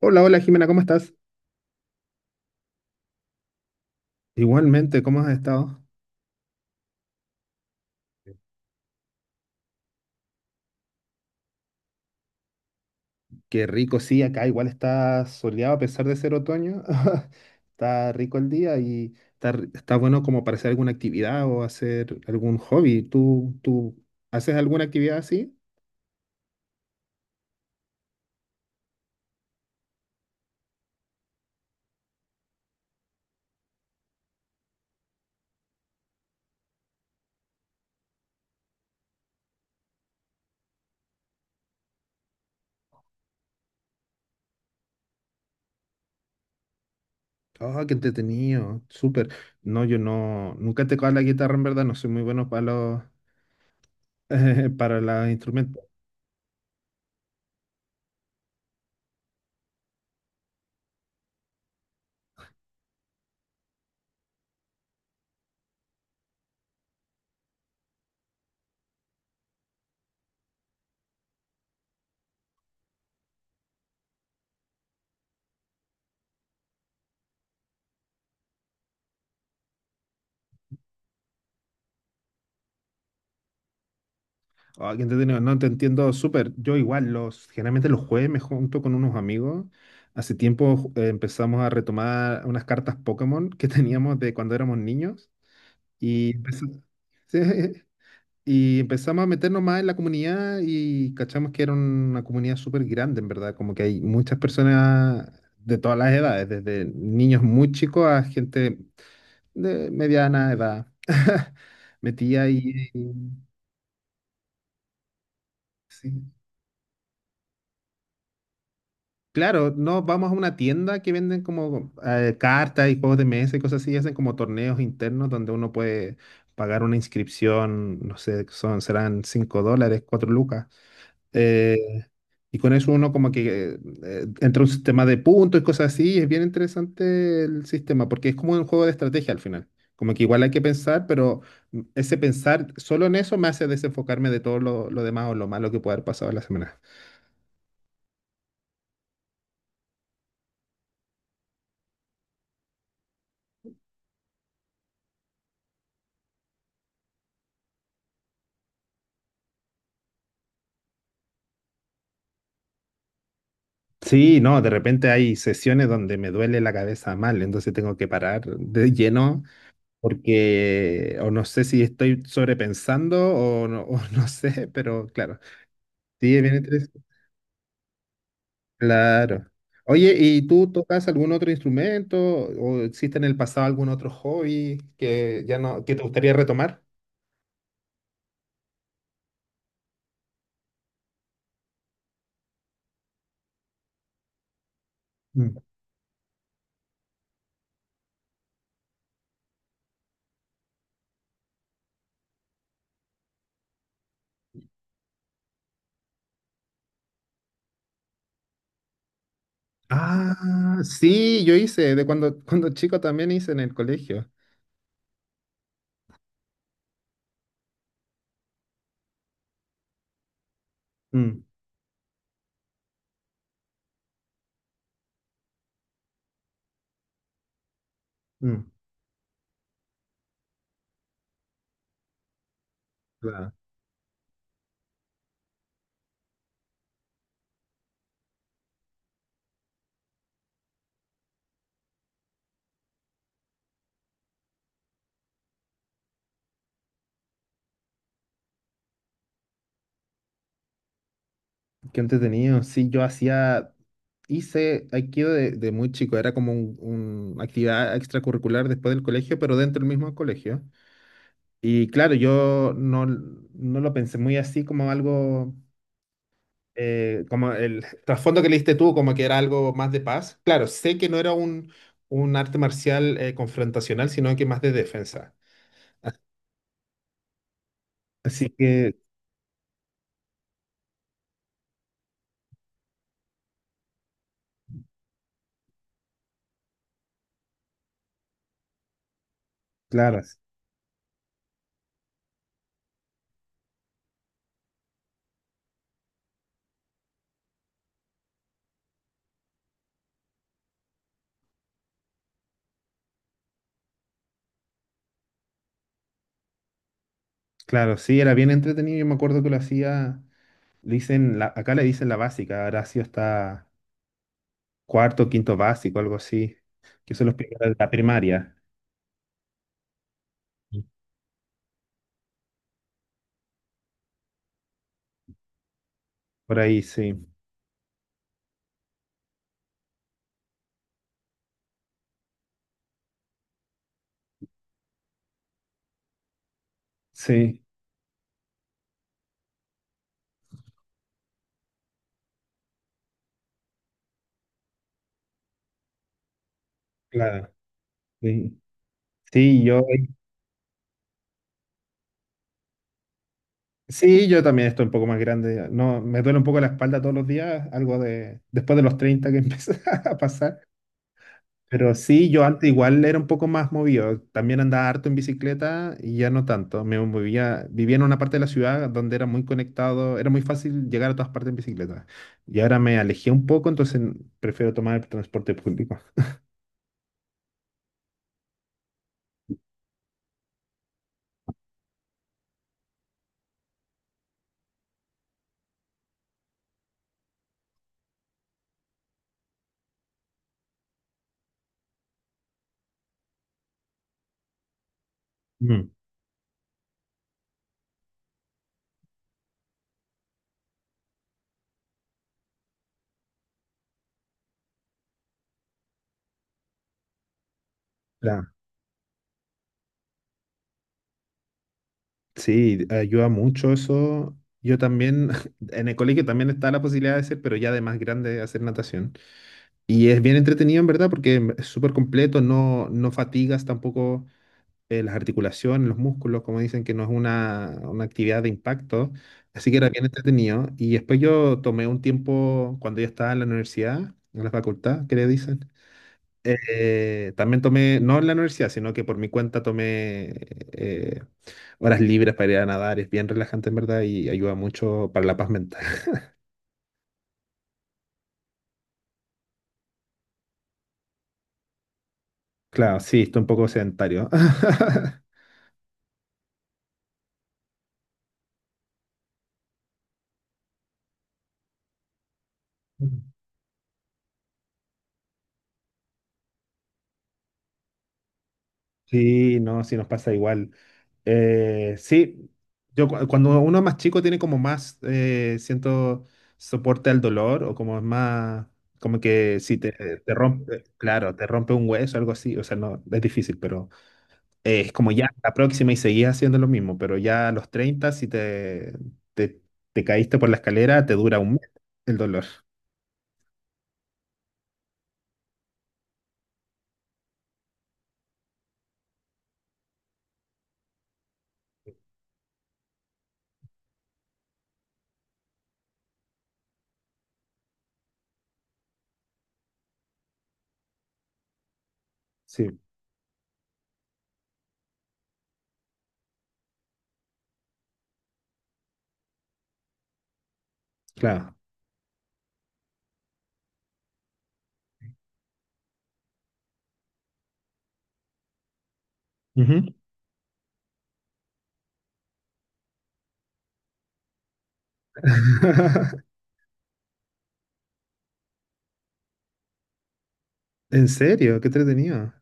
Hola, hola Jimena, ¿cómo estás? Igualmente, ¿cómo has estado? Qué rico, sí, acá igual está soleado a pesar de ser otoño. Está rico el día y está bueno como para hacer alguna actividad o hacer algún hobby. ¿Tú haces alguna actividad así? Oh, qué entretenido, súper. No, yo no, nunca he tocado la guitarra en verdad, no soy muy bueno para los, para los instrumentos. Ah, qué entretenido. No, te entiendo súper. Yo igual, generalmente los jueves me junto con unos amigos. Hace tiempo empezamos a retomar unas cartas Pokémon que teníamos de cuando éramos niños. Y, empeza- sí. Y empezamos a meternos más en la comunidad y cachamos que era una comunidad súper grande, en verdad. Como que hay muchas personas de todas las edades, desde niños muy chicos a gente de mediana edad. Metía y... Claro, no, vamos a una tienda que venden como cartas y juegos de mesa y cosas así, y hacen como torneos internos donde uno puede pagar una inscripción, no sé, serán 5 dólares, 4 lucas. eh, y con eso uno como que entra un sistema de puntos y cosas así, y es bien interesante el sistema, porque es como un juego de estrategia al final. Como que igual hay que pensar, pero ese pensar solo en eso me hace desenfocarme de todo lo demás o lo malo que puede haber pasado en la semana. Sí, no, de repente hay sesiones donde me duele la cabeza mal, entonces tengo que parar de lleno porque o no sé si estoy sobrepensando o no, o no sé, pero claro, sí, es bien interesante. Claro. Oye, ¿y tú tocas algún otro instrumento o existe en el pasado algún otro hobby que ya no, que te gustaría retomar? Mm. Ah, sí, yo hice, de cuando chico también hice en el colegio. Mm, mm, claro. Qué entretenido. Hice Aikido de muy chico. Era como un actividad extracurricular después del colegio, pero dentro del mismo colegio. Y claro, yo no, no lo pensé muy así como algo, como el trasfondo que le diste tú, como que era algo más de paz. Claro, sé que no era un arte marcial confrontacional, sino que más de defensa. Así que, claro, s- claro, sí, era bien entretenido. Yo me acuerdo que lo hacía, acá le dicen la básica. Horacio está cuarto, quinto básico, algo así, que son los primeros de la primaria, por ahí, sí, sí, claro, sí. Sí, yo, sí, yo también estoy un poco más grande. No, me duele un poco la espalda todos los días, algo de después de los 30 que empieza a pasar. Pero sí, yo antes igual era un poco más movido. También andaba harto en bicicleta y ya no tanto. Me movía, vivía en una parte de la ciudad donde era muy conectado, era muy fácil llegar a todas partes en bicicleta. Y ahora me alejé un poco, entonces prefiero tomar el transporte público. Mm. Claro. Sí, ayuda mucho eso. Yo también, en el colegio también está la posibilidad de hacer, pero ya de más grande hacer natación. Y es bien entretenido, en verdad, porque es súper completo, no, no fatigas tampoco las articulaciones, los músculos, como dicen que no es una actividad de impacto. Así que era bien entretenido. Y después yo tomé un tiempo cuando yo estaba en la universidad, en la facultad, ¿qué le dicen? También tomé, no en la universidad, sino que por mi cuenta tomé eh, horas libres para ir a nadar, es bien relajante en verdad y ayuda mucho para la paz mental. Claro, sí, estoy un poco sedentario. Sí, no, sí nos pasa igual. Sí, yo cuando uno es más chico tiene como más, siento, soporte al dolor o como es más, como que si te rompe, claro, te rompe un hueso, algo así, o sea, no, es difícil, pero... es como ya la próxima y seguías haciendo lo mismo, pero ya a los 30 si te, te, te, caíste por la escalera, te dura un mes el dolor. Sí, claro. Ujú. ¿En serio? Qué entretenido.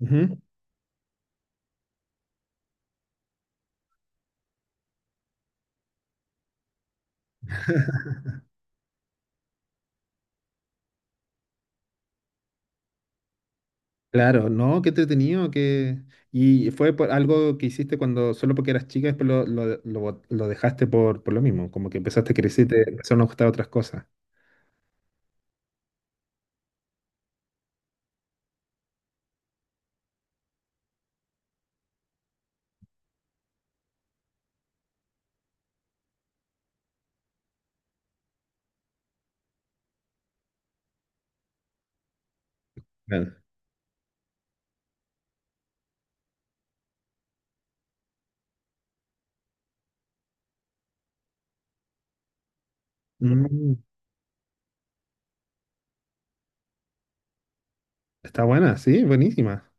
Ujú. Claro, no, qué entretenido que... ¿Y fue por algo que hiciste cuando solo porque eras chica, después lo dejaste por lo mismo? Como que empezaste a crecer y te empezaron a gustar otras cosas. Claro. Mm, está buena, sí, buenísima.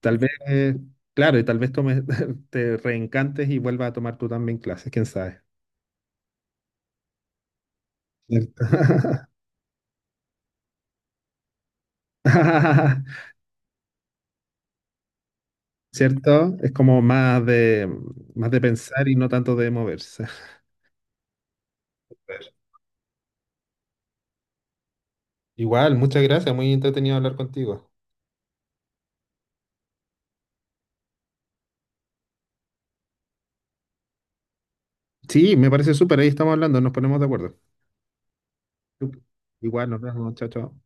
Tal vez, claro, y tal vez tomes, te reencantes y vuelvas a tomar tú también clases, quién sabe. ¿Cierto? ¿Cierto? Es como más de pensar y no tanto de moverse. Ver. Igual, muchas gracias, muy entretenido hablar contigo. Sí, me parece súper, ahí estamos hablando, nos ponemos de acuerdo. Súper. Igual, nos vemos, chao, chao.